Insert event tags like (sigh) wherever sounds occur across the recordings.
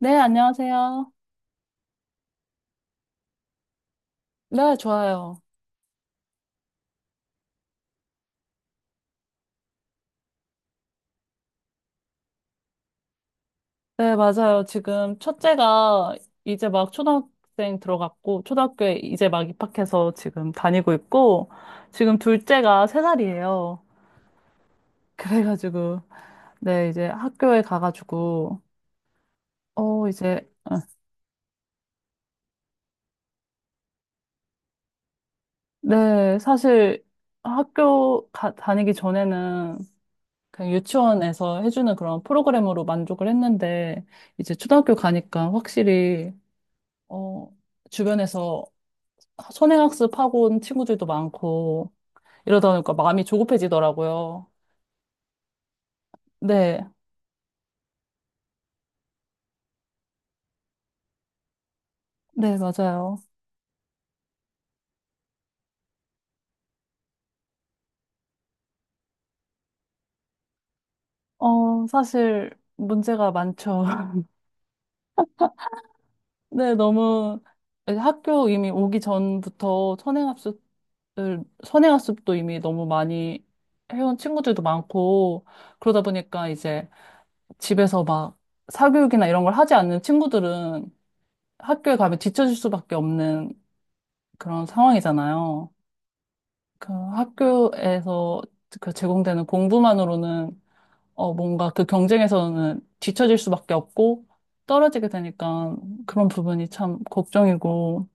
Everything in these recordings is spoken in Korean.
네, 안녕하세요. 네, 좋아요. 네, 맞아요. 지금 첫째가 이제 막 초등학생 들어갔고, 초등학교에 이제 막 입학해서 지금 다니고 있고, 지금 둘째가 세살이에요. 그래가지고, 네, 이제 학교에 가가지고, 어, 이제, 어, 네, 사실 학교 다니기 전에는 그냥 유치원에서 해주는 그런 프로그램으로 만족을 했는데, 이제 초등학교 가니까 확실히, 어, 주변에서 선행학습하고 온 친구들도 많고 이러다 보니까 마음이 조급해지더라고요. 네, 네, 맞아요. 사실 문제가 많죠. (laughs) 네, 너무 학교 이미 오기 전부터 선행학습도 이미 너무 많이 해온 친구들도 많고 그러다 보니까 이제 집에서 막 사교육이나 이런 걸 하지 않는 친구들은 학교에 가면 뒤처질 수밖에 없는 그런 상황이잖아요. 그 학교에서 그 제공되는 공부만으로는 뭔가 그 경쟁에서는 뒤처질 수밖에 없고 떨어지게 되니까 그런 부분이 참 걱정이고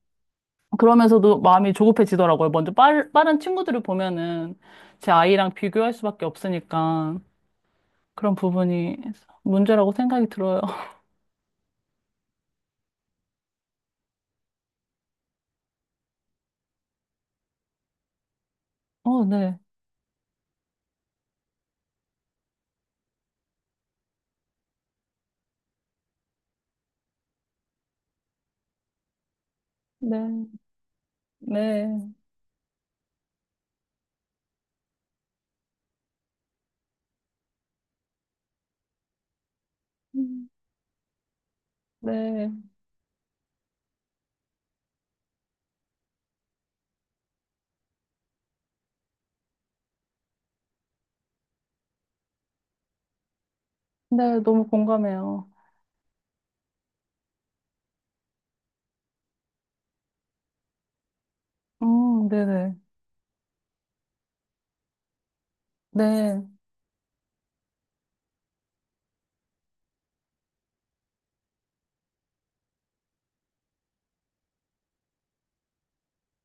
그러면서도 마음이 조급해지더라고요. 먼저 빠른 친구들을 보면은 제 아이랑 비교할 수밖에 없으니까 그런 부분이 문제라고 생각이 들어요. (laughs) 네. 네. 네. 음, 네. 네, 너무 공감해요. 네네. 네.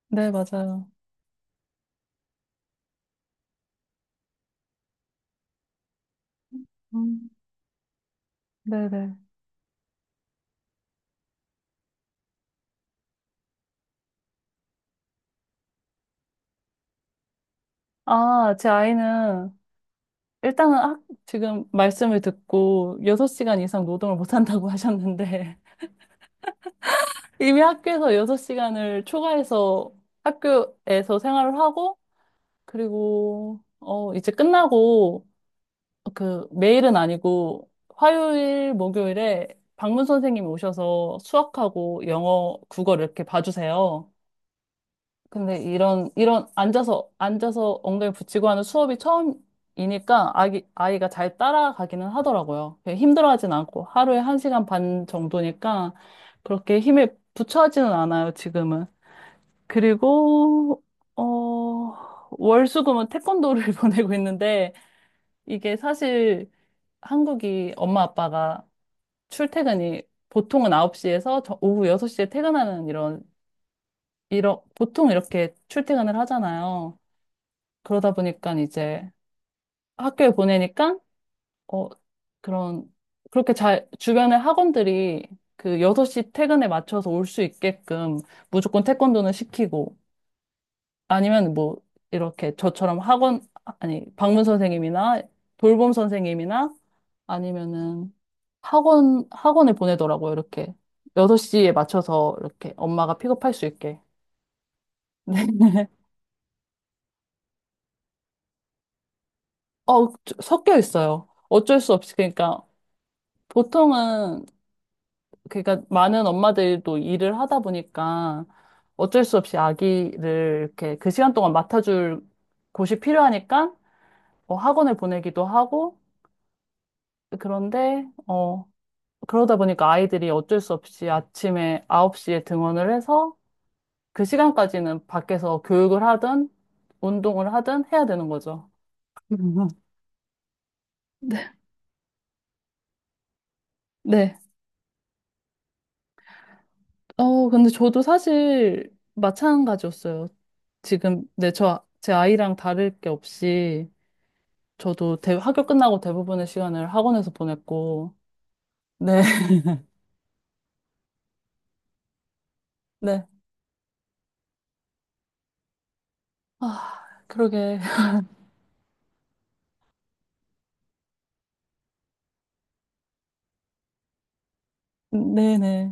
네, 맞아요. 음. 네네. 아, 제 아이는 일단은 지금 말씀을 듣고 6시간 이상 노동을 못한다고 (laughs) 하셨는데 이미 학교에서 6시간을 초과해서 학교에서 생활을 하고 그리고 이제 끝나고 그 매일은 아니고 화요일, 목요일에 방문 선생님이 오셔서 수학하고 영어, 국어를 이렇게 봐주세요. 근데 이런 앉아서 엉덩이 붙이고 하는 수업이 처음이니까 아이가 잘 따라가기는 하더라고요. 그 힘들어하진 않고 하루에 한 시간 반 정도니까 그렇게 힘에 부처하지는 않아요, 지금은. 그리고, 어, 월수금은 태권도를 (laughs) 보내고 있는데 이게 사실 한국이 엄마 아빠가 출퇴근이 보통은 9시에서 오후 6시에 퇴근하는 이런, 보통 이렇게 출퇴근을 하잖아요. 그러다 보니까 이제 학교에 보내니까, 어, 그런, 그렇게 잘, 주변에 학원들이 그 6시 퇴근에 맞춰서 올 수 있게끔 무조건 태권도는 시키고, 아니면 뭐, 이렇게 저처럼 학원, 아니, 방문 선생님이나 돌봄 선생님이나 아니면은 학원에 보내더라고요, 이렇게. 여섯 시에 맞춰서 이렇게 엄마가 픽업할 수 있게. (laughs) 네. 섞여 있어요. 어쩔 수 없이. 그러니까 보통은 그러니까 많은 엄마들도 일을 하다 보니까 어쩔 수 없이 아기를 이렇게 그 시간 동안 맡아줄 곳이 필요하니까 뭐 학원을 보내기도 하고 그런데 그러다 보니까 아이들이 어쩔 수 없이 아침에 9시에 등원을 해서 그 시간까지는 밖에서 교육을 하든 운동을 하든 해야 되는 거죠. (laughs) 네. 네. 근데 저도 사실 마찬가지였어요. 지금, 네, 저, 제 아이랑 다를 게 없이 저도 학교 끝나고 대부분의 시간을 학원에서 보냈고, 네, (laughs) 네. 아, 그러게. (laughs) 네네.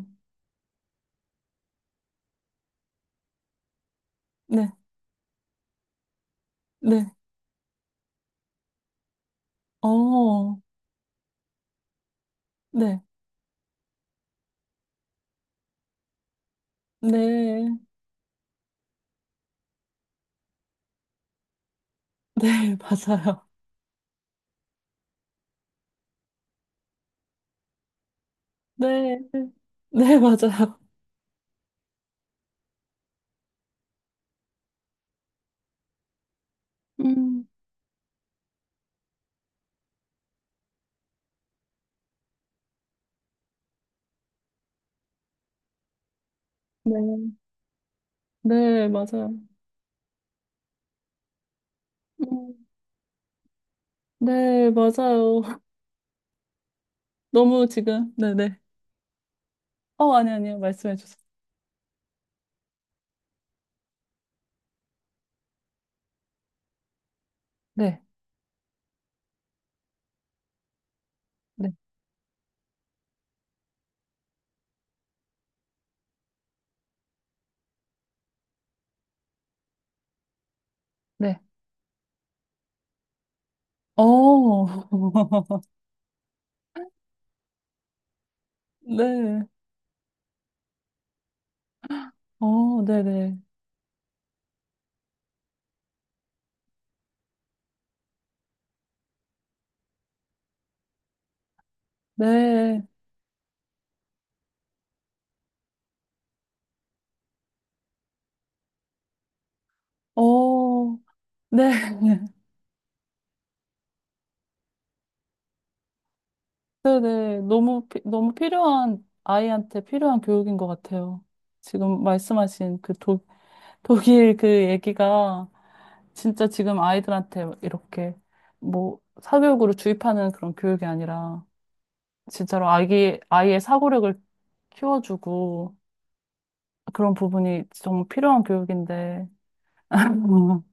네, 네. 어, 네, 네. 네, (laughs) 맞아요. 네, 네, 맞아요. 음, 네, 네, 맞아요. 음, 네, 맞아요. (laughs) 너무 지금, 네네. 아니, 아니요. 말씀해 주세요. 네, 네, 네. 어, (laughs) 네, 네네. 네, 네. 어, 네. (laughs) 네네. 너무, 너무 필요한, 아이한테 필요한 교육인 것 같아요. 지금 말씀하신 그 독일 그 얘기가 진짜 지금 아이들한테 이렇게 뭐 사교육으로 주입하는 그런 교육이 아니라 진짜로 아이의 사고력을 키워주고 그런 부분이 정말 필요한 교육인데. (laughs)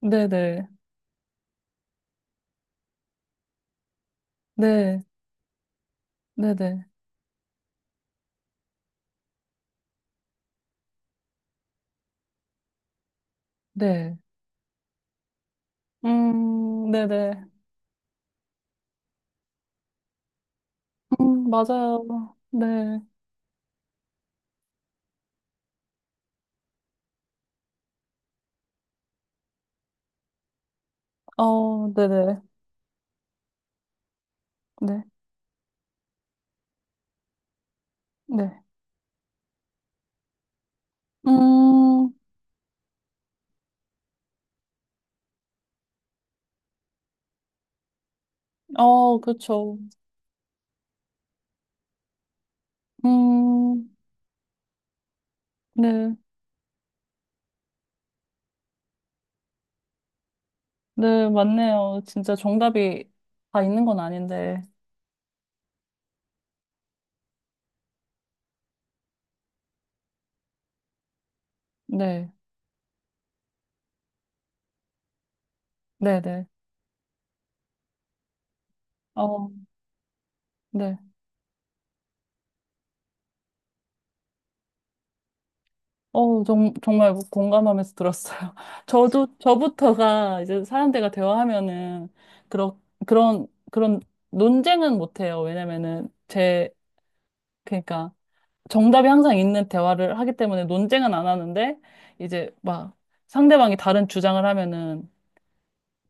네네. 네. 네네. 네. 네네. 맞아요. 네. 네네. 네, 네. 음, 그쵸. 음, 네. 네, 맞네요. 진짜 정답이 다 있는 건 아닌데. 네, 네네. 어, 네. 정말 공감하면서 들었어요. (laughs) 저도, 저부터가 이제 사람들과 대화하면은, 그런, 그런 논쟁은 못해요. 왜냐면은, 제, 그러니까, 정답이 항상 있는 대화를 하기 때문에 논쟁은 안 하는데 이제 막 상대방이 다른 주장을 하면은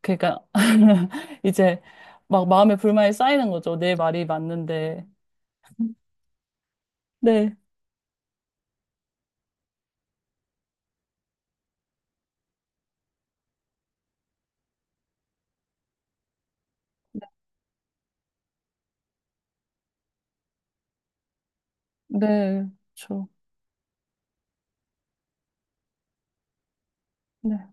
그러니까 (laughs) 이제 막 마음에 불만이 쌓이는 거죠. 내 말이 맞는데. 네, 네, 그렇죠. 네.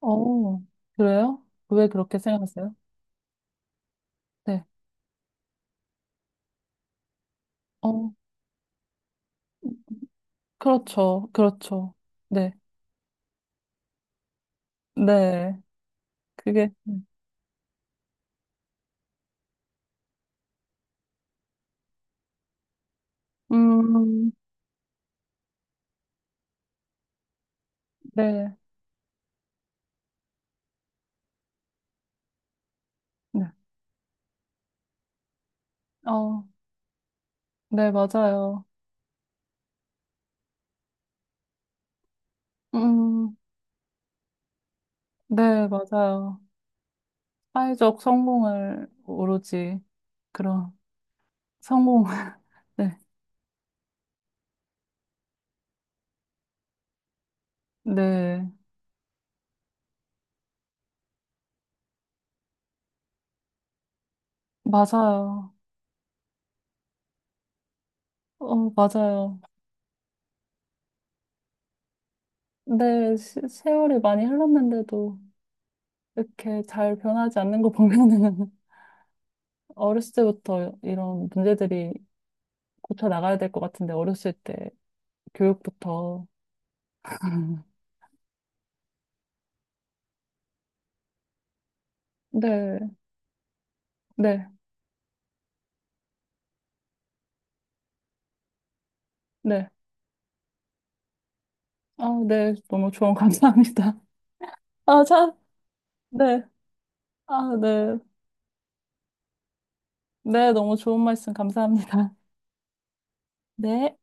어, 그래요? 왜 그렇게 생각하세요? 네. 어, 그렇죠. 그렇죠. 네. 네. 그게 음, 네. 네. 어, 네, 맞아요. 음, 네, 맞아요. 사회적 성공을 오로지 그런 성공. (laughs) 네, 네, 맞아요. 맞아요. 네, 세월이 많이 흘렀는데도 이렇게 잘 변하지 않는 거 보면은 (laughs) 어렸을 때부터 이런 문제들이 고쳐 나가야 될 것 같은데 어렸을 때 교육부터. (laughs) 네, 네, 네. 아, 네, 너무 조언 감사합니다. (laughs) 아, 참, 네, 아, 네, 네, 너무 좋은 말씀 감사합니다. (laughs) 네.